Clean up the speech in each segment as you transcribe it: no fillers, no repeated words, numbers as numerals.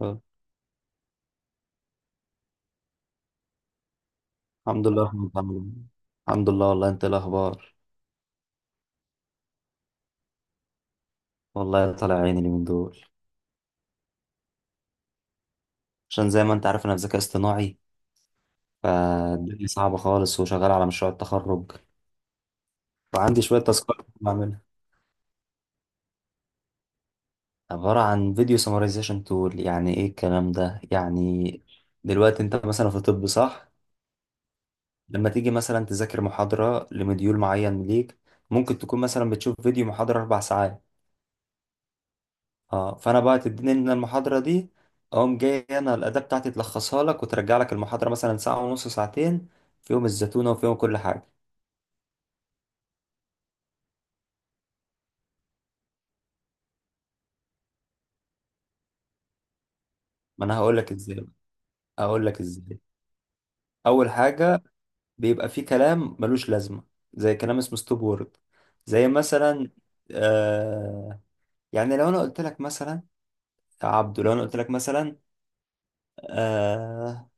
آه. الحمد لله الحمد لله. الحمد لله والله. انت إيه الاخبار؟ والله طالع عيني اليومين دول عشان زي ما انت عارف انا في ذكاء اصطناعي، فالدنيا صعبة خالص وشغال على مشروع التخرج وعندي شوية تاسكات بعملها. عبارة عن فيديو سمرايزيشن تول. يعني ايه الكلام ده؟ يعني دلوقتي انت مثلا في طب، صح؟ لما تيجي مثلا تذاكر محاضرة لمديول معين ليك، ممكن تكون مثلا بتشوف فيديو محاضرة أربع ساعات. اه، فانا بقى تديني ان المحاضره دي، اقوم جاي انا الاداه بتاعتي تلخصها لك وترجع لك المحاضره مثلا ساعه ونص ساعتين، فيهم الزتونه وفيهم كل حاجه. ما انا هقول لك ازاي بقى. هقول لك ازاي. اول حاجه، بيبقى في كلام ملوش لازمه زي كلام اسمه ستوب وورد. زي مثلا، آه يعني لو انا قلت لك مثلا، يا عبدو، لو انا قلت لك مثلا، آه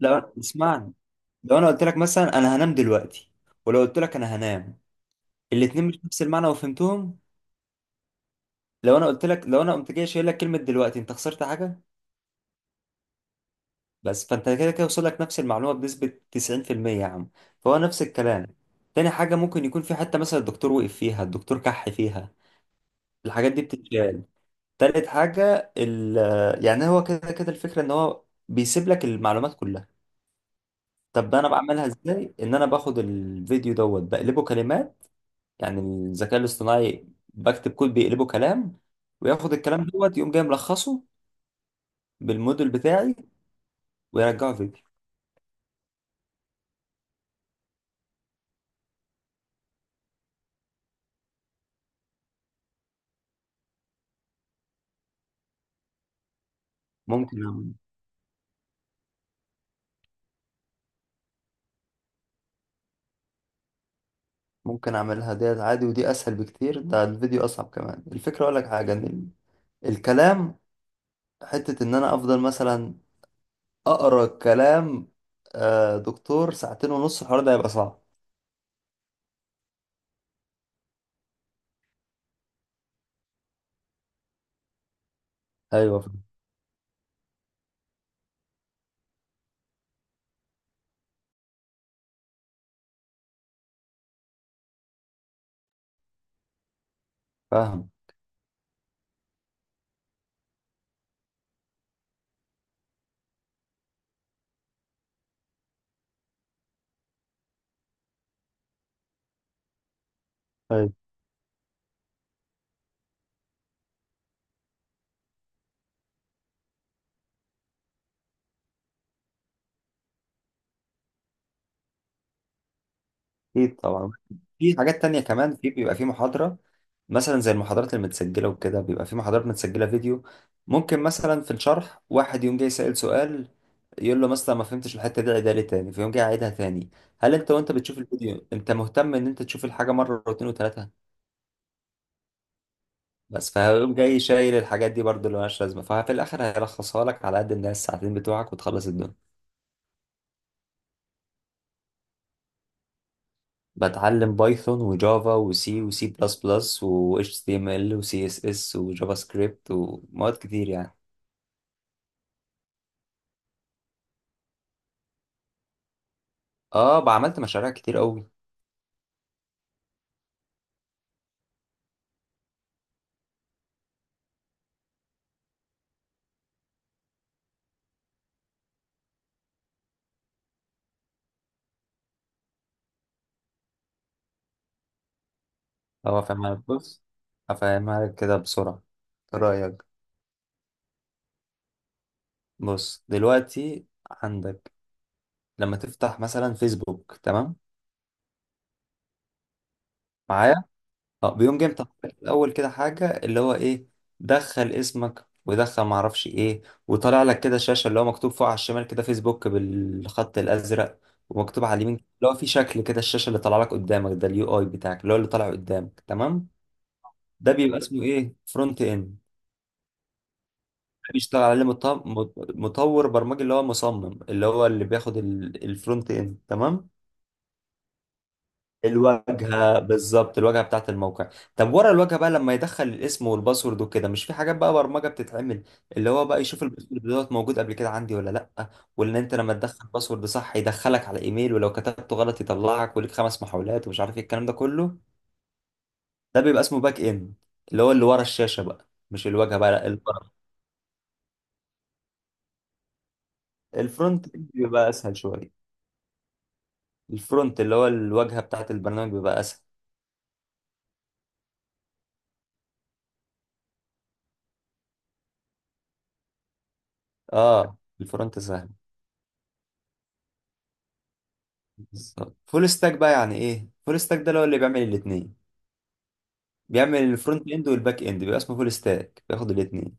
لو اسمعني، لو انا قلت لك مثلا انا هنام دلوقتي، ولو قلت لك انا هنام، الاتنين مش نفس المعنى وفهمتهم. لو انا قلت لك، لو انا قمت جاي شايل لك كلمه دلوقتي، انت خسرت حاجه؟ بس فانت كده كده وصل لك نفس المعلومه بنسبه 90%. يا عم، فهو نفس الكلام. تاني حاجه، ممكن يكون في حته مثلا الدكتور وقف فيها، الدكتور كح فيها، الحاجات دي بتتشال. تالت حاجه ال، يعني هو كده كده الفكره ان هو بيسيب لك المعلومات كلها. طب انا بعملها ازاي؟ ان انا باخد الفيديو دوت بقلبه كلمات، يعني الذكاء الاصطناعي، بكتب كود بيقلبه كلام، وياخد الكلام دوت يقوم جاي ملخصه بالموديل بتاعي، ويرجعوا فيديو. ممكن أعمل-، ممكن اعملها ديت عادي، ودي اسهل بكتير، ده الفيديو اصعب كمان. الفكره اقول لك حاجه ان ال-، الكلام، حته ان انا افضل مثلا اقرا كلام دكتور ساعتين ونص، الحوار ده هيبقى صعب. ايوه. فاهم. فاهم. اكيد طبعا. في حاجات تانية كمان، في بيبقى في محاضرة مثلا زي المحاضرات المتسجلة وكده، بيبقى في محاضرات متسجلة فيديو، ممكن مثلا في الشرح واحد يوم جاي سأل سؤال، يقول له مثلا ما فهمتش الحتة دي، عيدها لي تاني، فيقوم جاي عيدها تاني. هل انت وانت بتشوف الفيديو انت مهتم ان انت تشوف الحاجة مرة واتنين وتلاتة؟ بس فهيقوم جاي شايل الحاجات دي برضه اللي مالهاش لازمة، ففي الآخر هيلخصها لك على قد الناس الساعتين بتوعك، وتخلص الدنيا. بتعلم بايثون وجافا وسي وسي بلس بلس و HTML و CSS وجافا سكريبت ومواد كتير يعني. اه بعملت مشاريع كتير قوي. اه، فاهمها لك. بص، هفهمها لك كده بسرعة. إيه رأيك؟ بص دلوقتي، عندك لما تفتح مثلا فيسبوك، تمام؟ معايا. اه، بيقوم جاي مطلع لك في الاول كده حاجه اللي هو ايه، دخل اسمك ودخل معرفش ايه، وطالع لك كده شاشه اللي هو مكتوب فوق على الشمال كده فيسبوك بالخط الازرق، ومكتوب على اليمين اللي هو في شكل كده. الشاشه اللي طالع لك قدامك ده اليو اي بتاعك، اللي هو اللي طالع قدامك، تمام؟ ده بيبقى اسمه ايه، فرونت اند. ده بيشتغل عليه مطور برمجي، اللي هو مصمم، اللي هو اللي بياخد الفرونت اند، تمام. الواجهه بالظبط، الواجهه بتاعت الموقع. طب ورا الواجهه بقى، لما يدخل الاسم والباسورد وكده، مش في حاجات بقى برمجه بتتعمل؟ اللي هو بقى يشوف الباسورد دوت موجود قبل كده عندي ولا لا، وان انت لما تدخل باسورد صح يدخلك على ايميل، ولو كتبته غلط يطلعك وليك خمس محاولات، ومش عارف ايه الكلام ده كله. ده بيبقى اسمه باك اند، اللي هو اللي ورا الشاشه بقى، مش الواجهه بقى، لا اللي ورا. الفرونت إند بيبقى اسهل شويه. الفرونت اللي هو الواجهه بتاعت البرنامج بيبقى اسهل. اه، الفرونت سهل. بالظبط. فول ستاك بقى يعني ايه؟ فول ستاك ده اللي هو اللي بيعمل الاثنين، بيعمل الفرونت اند والباك اند، بيبقى اسمه فول ستاك، بياخد الاثنين.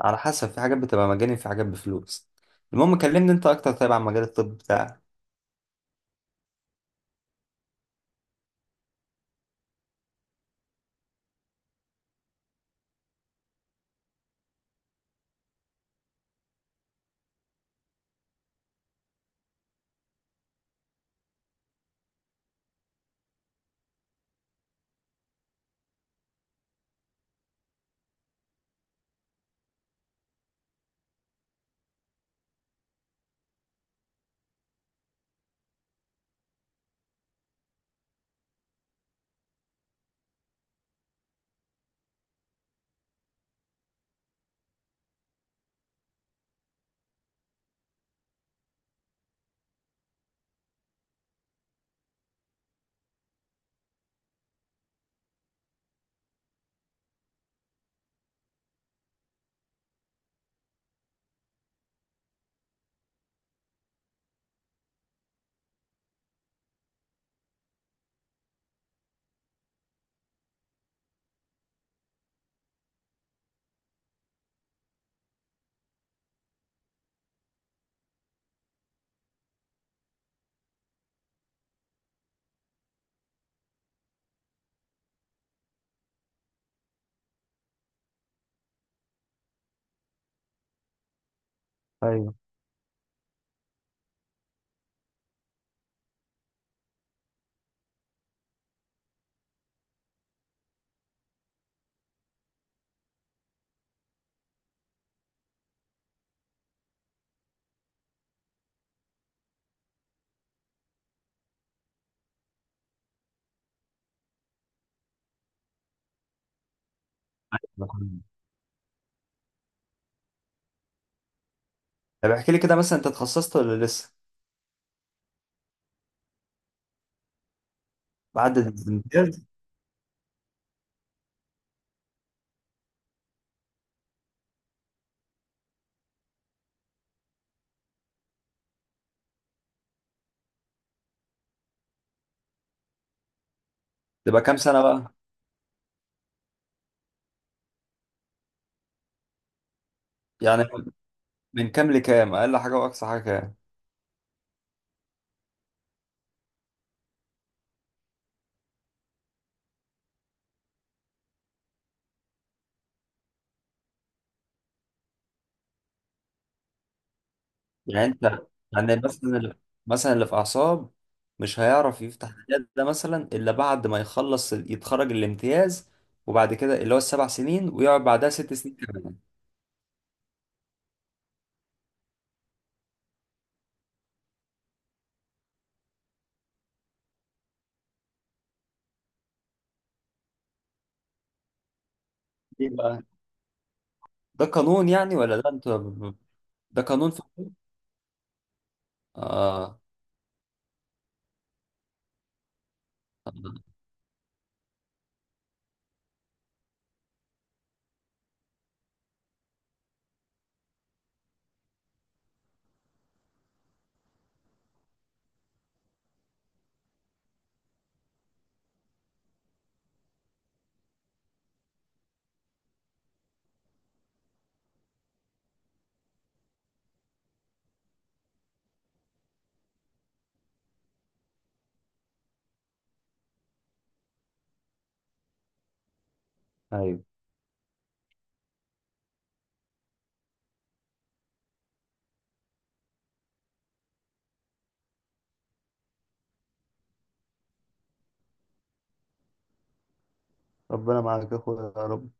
على حسب، في حاجات بتبقى مجاني، في حاجات بفلوس. المهم كلمني انت اكتر، طيب، عن مجال الطب بتاعك. ايوه. طب احكي لي كده، مثلا انت اتخصصت ولا لسه؟ بعد الامتياز تبقى كام سنة بقى؟ يعني من كام لكام، اقل حاجة واقصى حاجة كام؟ يعني انت، يعني مثلا اللي-، مثلا اللي في اعصاب مش هيعرف يفتح عيادة ده مثلا الا بعد ما يخلص يتخرج الامتياز، وبعد كده اللي هو السبع سنين، ويقعد بعدها ست سنين كمان؟ ليه بقى؟ ده قانون يعني ولا ده انت؟ ده قانون في الطب؟ اه. ايوه. ربنا معاك يا اخويا، يا رب.